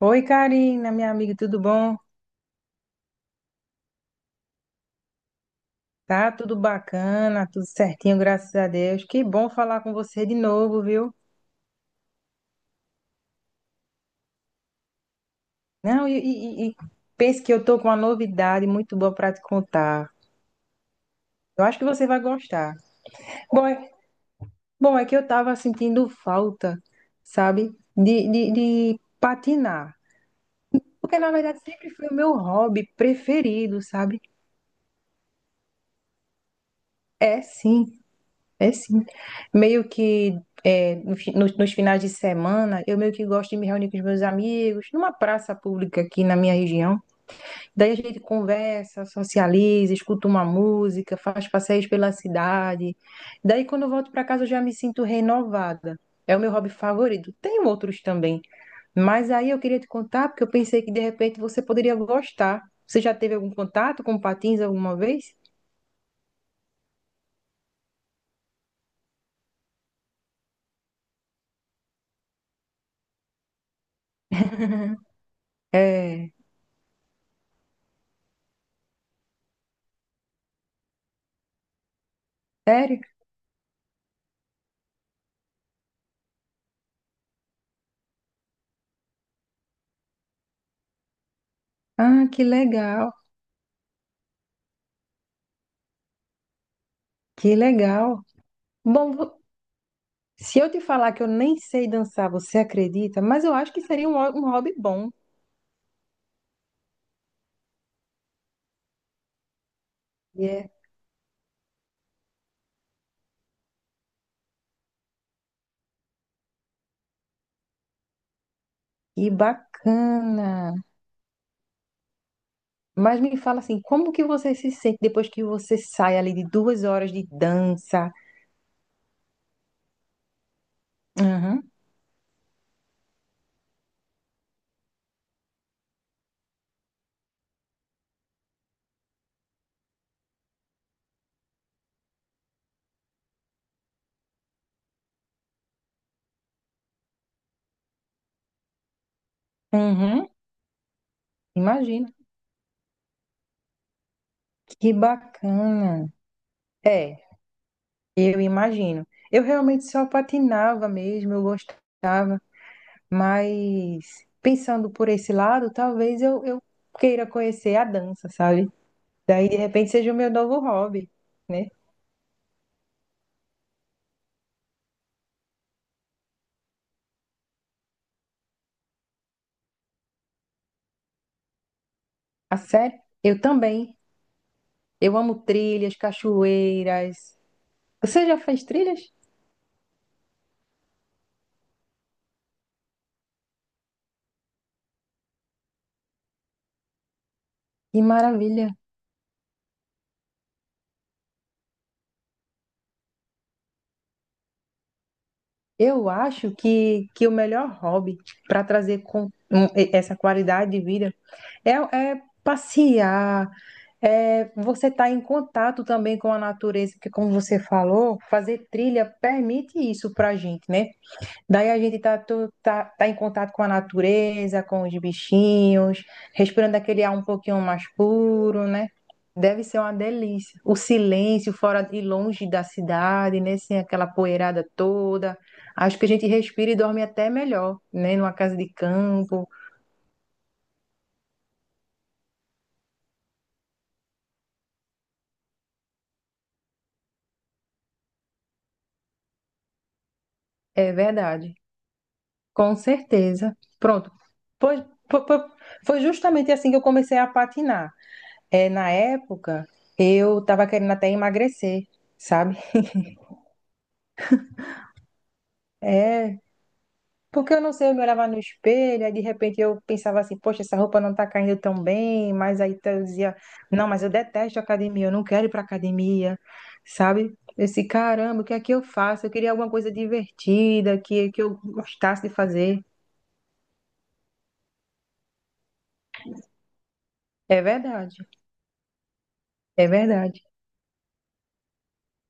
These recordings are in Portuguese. Oi, Karina, minha amiga, tudo bom? Tá tudo bacana, tudo certinho, graças a Deus. Que bom falar com você de novo, viu? Não, e pense que eu tô com uma novidade muito boa para te contar. Eu acho que você vai gostar. Bom, é, bom, é que eu tava sentindo falta, sabe, de patinar. Porque, na verdade, sempre foi o meu hobby preferido, sabe? É, sim. É sim. Meio que é, no fi- nos, nos finais de semana, eu meio que gosto de me reunir com os meus amigos numa praça pública aqui na minha região. Daí a gente conversa, socializa, escuta uma música, faz passeios pela cidade. Daí quando eu volto para casa, eu já me sinto renovada. É o meu hobby favorito. Tem outros também, mas aí eu queria te contar porque eu pensei que de repente você poderia gostar. Você já teve algum contato com patins alguma vez? É, sério? Ah, que legal, que legal. Bom, se eu te falar que eu nem sei dançar, você acredita? Mas eu acho que seria um hobby bom. Yeah. E bacana. Mas me fala assim, como que você se sente depois que você sai ali de duas horas de dança? Uhum, uhum, imagina. Que bacana. É, eu imagino. Eu realmente só patinava mesmo, eu gostava. Mas pensando por esse lado, talvez eu queira conhecer a dança, sabe? Daí, de repente, seja o meu novo hobby, né? A sério, eu também. Eu amo trilhas, cachoeiras. Você já fez trilhas? Que maravilha! Eu acho que o melhor hobby para trazer com, essa qualidade de vida é, é passear, é você estar em contato também com a natureza, porque como você falou, fazer trilha permite isso para a gente, né? Daí a gente tá em contato com a natureza, com os bichinhos, respirando aquele ar um pouquinho mais puro, né? Deve ser uma delícia. O silêncio fora e longe da cidade, né? Sem aquela poeirada toda. Acho que a gente respira e dorme até melhor, né? Numa casa de campo. É verdade. Com certeza. Pronto. Pois- po- po- foi justamente assim que eu comecei a patinar. É, na época, eu estava querendo até emagrecer, sabe? É. Porque eu não sei, eu me olhava no espelho, aí de repente eu pensava assim, poxa, essa roupa não tá caindo tão bem, mas aí eu dizia, não, mas eu detesto academia, eu não quero ir pra academia, sabe? Esse caramba, o que é que eu faço? Eu queria alguma coisa divertida, que eu gostasse de fazer. É verdade, é verdade,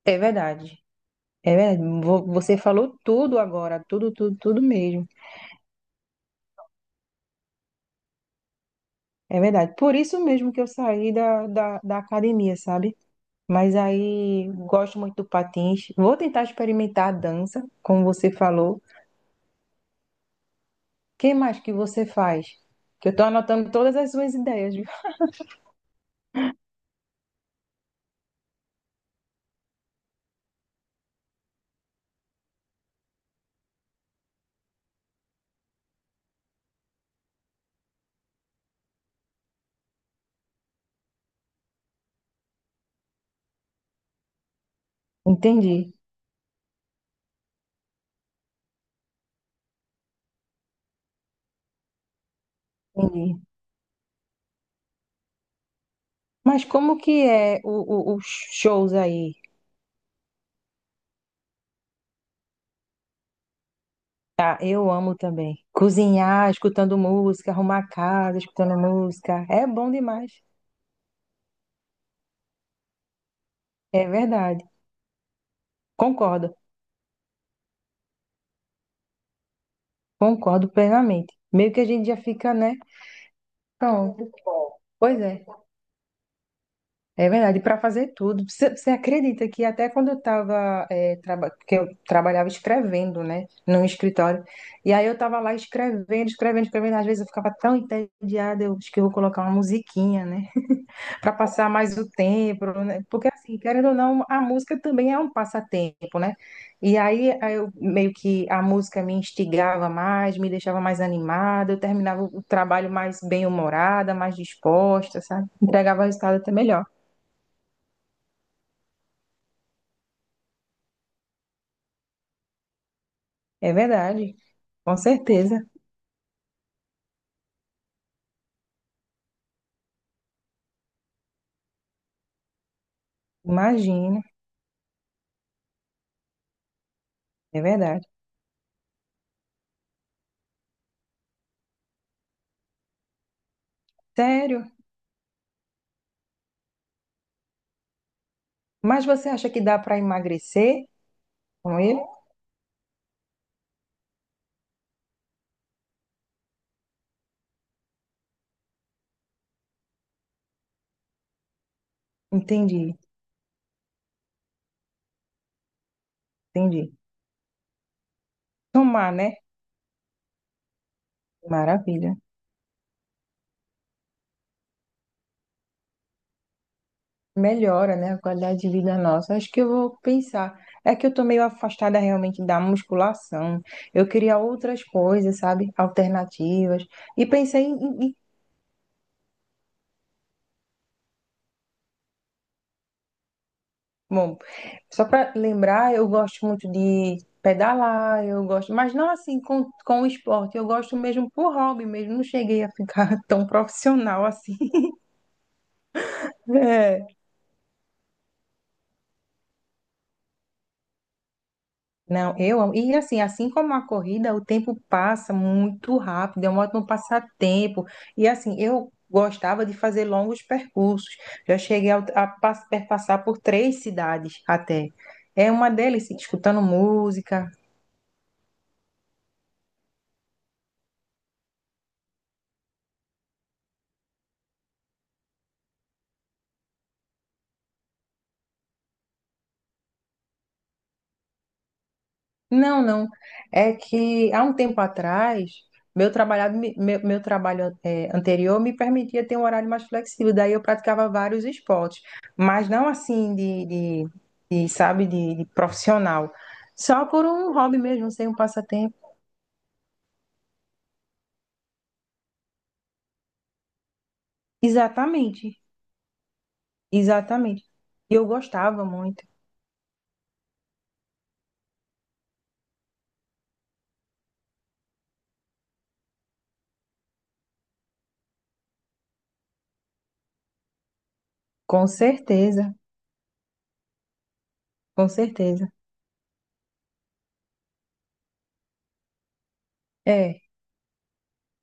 é verdade, é verdade. Você falou tudo agora, tudo, tudo, tudo mesmo. É verdade. Por isso mesmo que eu saí da academia, sabe? Mas aí gosto muito do patins. Vou tentar experimentar a dança, como você falou. O que mais que você faz? Que eu estou anotando todas as suas ideias, viu? Entendi, entendi. Mas como que é os shows aí? Tá, eu amo também. Cozinhar, escutando música, arrumar a casa, escutando música. É bom demais. É verdade. Concordo, concordo plenamente. Meio que a gente já fica, né? Pronto. Pois é. É verdade, para fazer tudo. Você acredita que até quando que eu trabalhava escrevendo, né, num escritório, e aí eu estava lá escrevendo, escrevendo, escrevendo, às vezes eu ficava tão entediada, eu acho que eu vou colocar uma musiquinha, né, para passar mais o tempo, né? Porque assim, querendo ou não, a música também é um passatempo, né? E aí eu meio que a música me instigava mais, me deixava mais animada, eu terminava o trabalho mais bem-humorada, mais disposta, sabe? Entregava o resultado até melhor. É verdade, com certeza. Imagina, é verdade. Sério? Mas você acha que dá para emagrecer com ele? Entendi, entendi. Tomar, né? Maravilha. Melhora, né, a qualidade de vida nossa. Acho que eu vou pensar. É que eu tô meio afastada realmente da musculação. Eu queria outras coisas, sabe? Alternativas. E pensei em, bom, só para lembrar, eu gosto muito de pedalar, eu gosto, mas não assim com o esporte, eu gosto mesmo por hobby mesmo, não cheguei a ficar tão profissional assim. É. Não, eu amo. E assim, assim como a corrida, o tempo passa muito rápido, é um ótimo passatempo. E assim, eu gostava de fazer longos percursos, já cheguei a perpassar por três cidades até. É uma delícia, escutando música. Não, não. É que há um tempo atrás, meu trabalho anterior me permitia ter um horário mais flexível. Daí eu praticava vários esportes, mas não assim de, sabe, de profissional. Só por um hobby mesmo, sem um passatempo. Exatamente, exatamente. E eu gostava muito, com certeza, com certeza. É.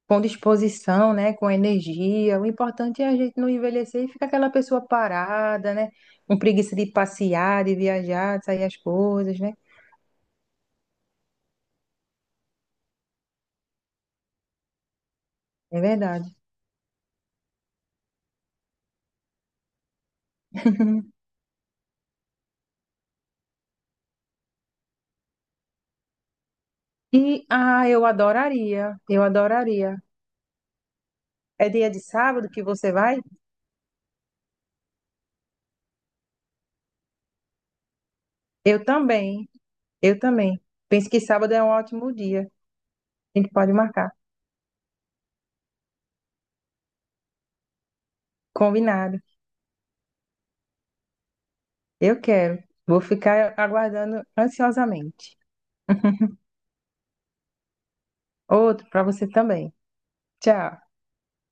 Com disposição, né, com energia. O importante é a gente não envelhecer e ficar aquela pessoa parada, né, com preguiça de passear, de viajar, de sair as coisas, né? É verdade. E ah, eu adoraria, eu adoraria. É dia de sábado que você vai? Eu também, eu também. Penso que sábado é um ótimo dia. A gente pode marcar. Combinado. Eu quero. Vou ficar aguardando ansiosamente. Outro para você também. Tchau.